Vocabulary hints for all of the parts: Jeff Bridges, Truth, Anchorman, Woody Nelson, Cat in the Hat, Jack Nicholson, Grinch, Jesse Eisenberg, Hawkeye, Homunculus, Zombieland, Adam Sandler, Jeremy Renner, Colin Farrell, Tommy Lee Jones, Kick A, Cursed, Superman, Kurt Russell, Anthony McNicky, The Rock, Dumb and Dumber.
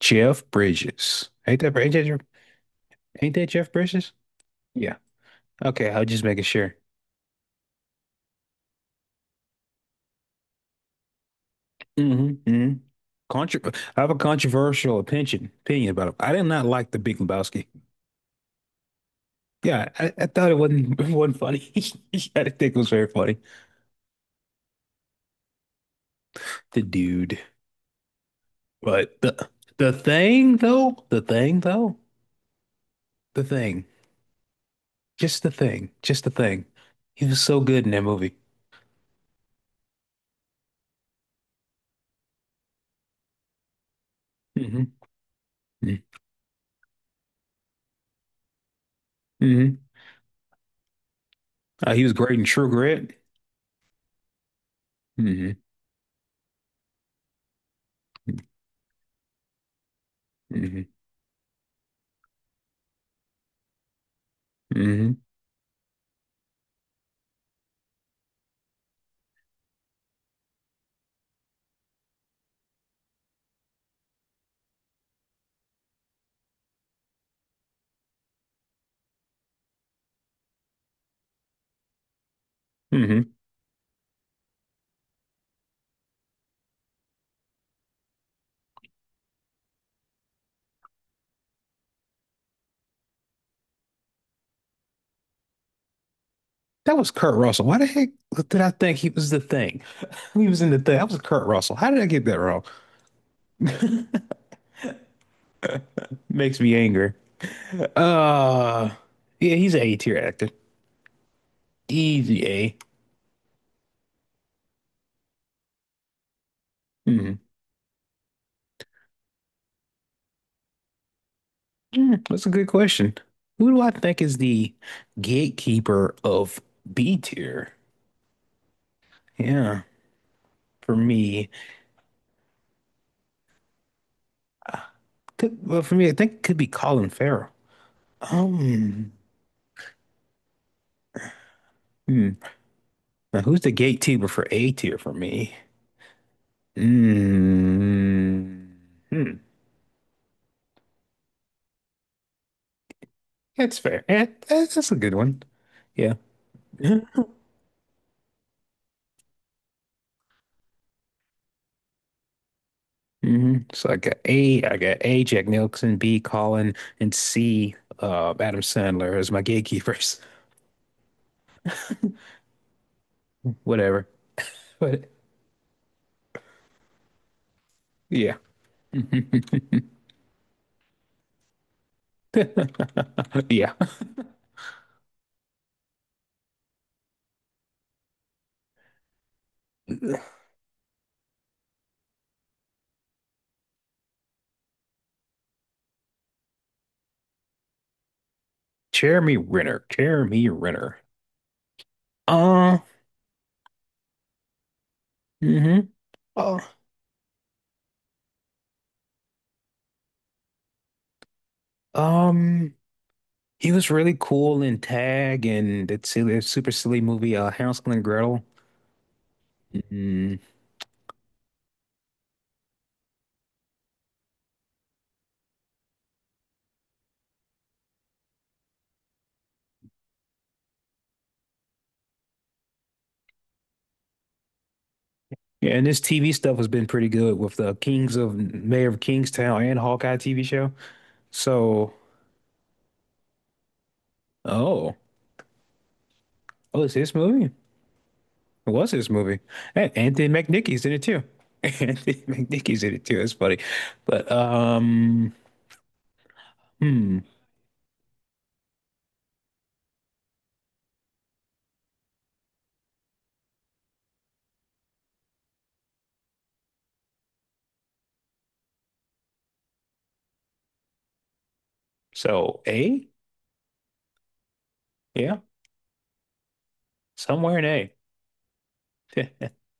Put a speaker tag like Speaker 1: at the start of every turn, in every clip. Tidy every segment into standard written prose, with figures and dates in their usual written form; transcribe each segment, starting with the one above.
Speaker 1: Jeff Bridges. Ain't that Jeff Bridges? Yeah. Okay, I was just making sure. Hmm, hmm. Contro I have a controversial opinion about him. I did not like the Big Lebowski. Yeah, I thought it wasn't it wasn't funny. I didn't think it was very funny. The dude. But the The thing though, the thing. Just the thing. Just the thing. He was so good in that movie. Hmm, hmm. He was great in True Grit. Hmm, hmm, hmm, hmm. That was Kurt Russell. Why the heck did I think he was the thing? He was in the thing. That was Kurt Russell. How did I get that wrong? Makes me angry. Uh, yeah, he's an A tier actor. Easy A. Hmm. That's a good question. Who do I think is the gatekeeper of B tier? Yeah, for me, uh, for me, I think it could be Colin Farrell. Um, hmm. Now, who's the gatekeeper for A tier for me? Mm-hmm. That's fair. Yeah, that's a good one. Yeah. Hmm. So I got A, Jack Nicholson, B, Colin, and C, Adam Sandler as my gatekeepers. Whatever. But yeah. Yeah. Jeremy Renner. Jeremy Renner. Uh, hmm. Uh, um, he was really cool in Tag and that silly, super silly movie, Hansel and Gretel. Mhm. Yeah, and this TV stuff has been pretty good with the Kings of Mayor of Kingstown and Hawkeye TV show. So, oh, oh, it's this movie? It was this movie. And Anthony McNicky's in it too. Anthony McNicky's in it too. That's funny. But hmm. So A, yeah, somewhere in A.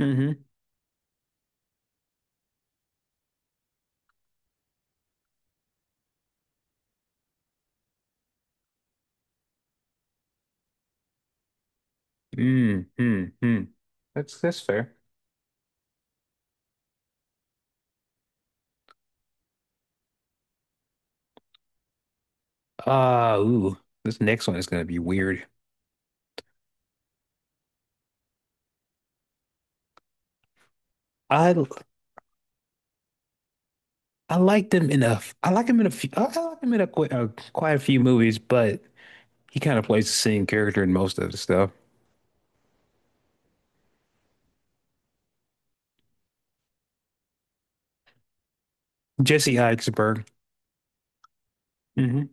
Speaker 1: Mm-hmm. Mm, mm, mm. That's fair. Ooh, this next one is gonna be weird. I I liked him enough. I like him in a few. I like him in a quite a few movies, but he kind of plays the same character in most of the stuff. Jesse Eisenberg. Hmm,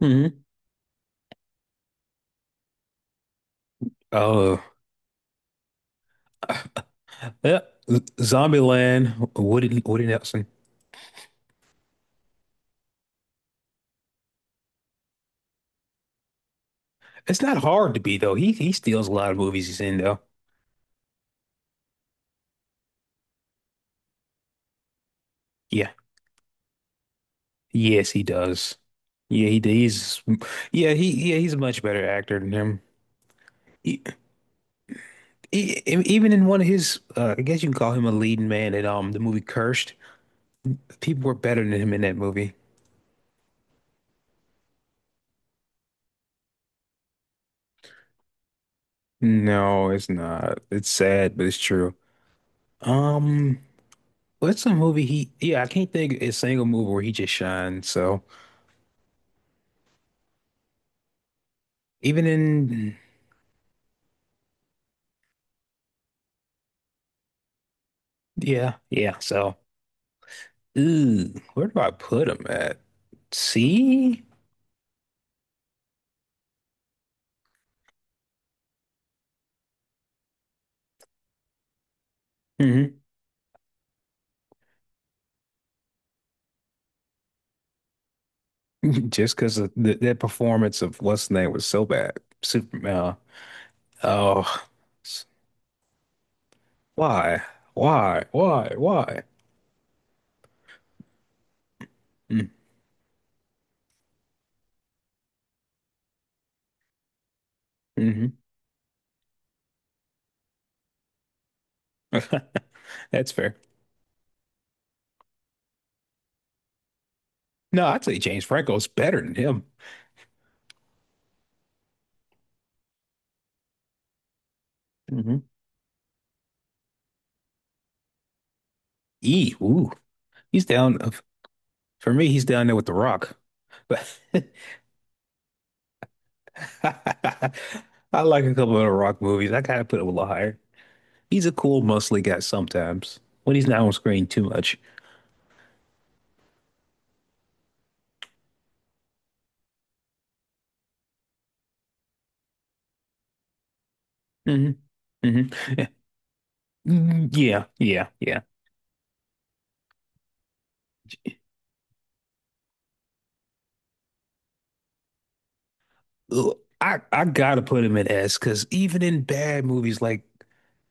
Speaker 1: hmm. Oh, yeah. Zombieland. Woody Nelson. It's not hard to be though. He steals a lot of movies he's in though. Yeah. Yes, he does. Yeah, he he's yeah he yeah, he's a much better actor than him. E- Even in one of his, I guess you can call him a leading man in the movie Cursed. People were better than him in that movie. No, it's not. It's sad, but it's true. Um, what's a movie he? Yeah, I can't think of a single movie where he just shined. So even in, yeah, yeah. So, ooh, where do I put him at? C? Hmm. Just because of that performance of what's the name was so bad. Superman. Oh, s- why? Why? Why? Why? Mm-hmm. That's fair. No, I'd say James Franco's better than him. Hmm. E, ooh, he's down. For me, he's down there with The Rock. But I like a couple of The Rock movies. I gotta put him a little higher. He's a cool, mostly guy sometimes when he's not on screen too much. Hmm, hmm. Yeah, yeah, yeah. Ugh, I gotta put him in S because even in bad movies like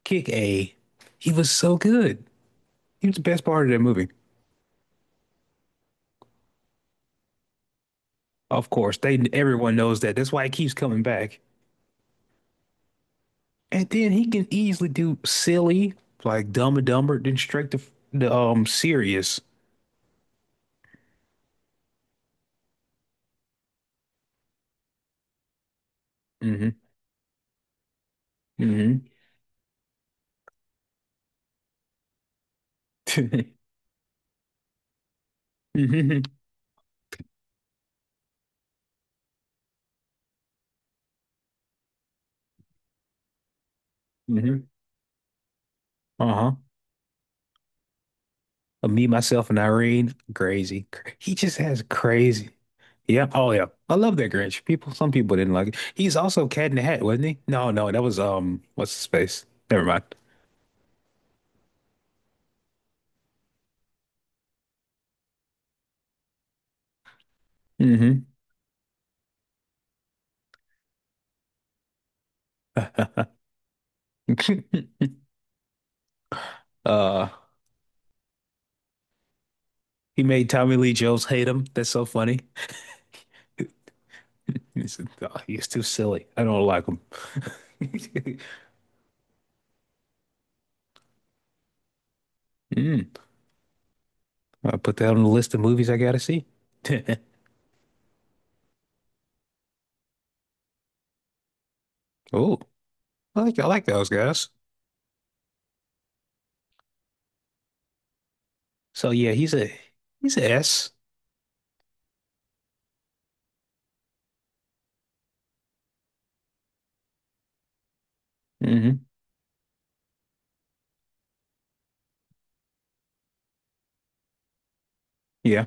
Speaker 1: Kick A, he was so good. He was the best part of that movie. Of course, they everyone knows that. That's why it keeps coming back. And then he can easily do silly, like Dumb and Dumber, then straight to the serious. Hmm, hmm, hmm, hmm. Uh-huh. Me, myself, and Irene, crazy. He just has crazy. Yeah. Oh yeah. I love that Grinch. People, some people didn't like it. He's also Cat in the Hat, wasn't he? No, no, that was what's his face? Never mind. Hmm. Uh, he made Tommy Lee Jones hate him. That's so funny. He said, "Oh, he's too silly. I don't like him. Mm, I'll put that on the list of movies I gotta see. Oh, I like those guys. So yeah, he's a S. Mm-hmm. Yeah,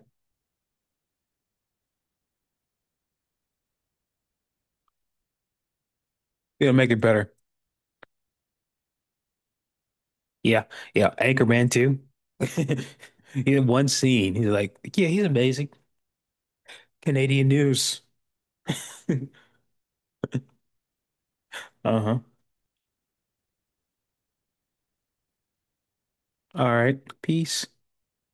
Speaker 1: it'll make it better. Yeah, yeah. Anchorman too. He had one scene. He's like, yeah, he's amazing. Canadian news. Uh-huh. All right. Peace.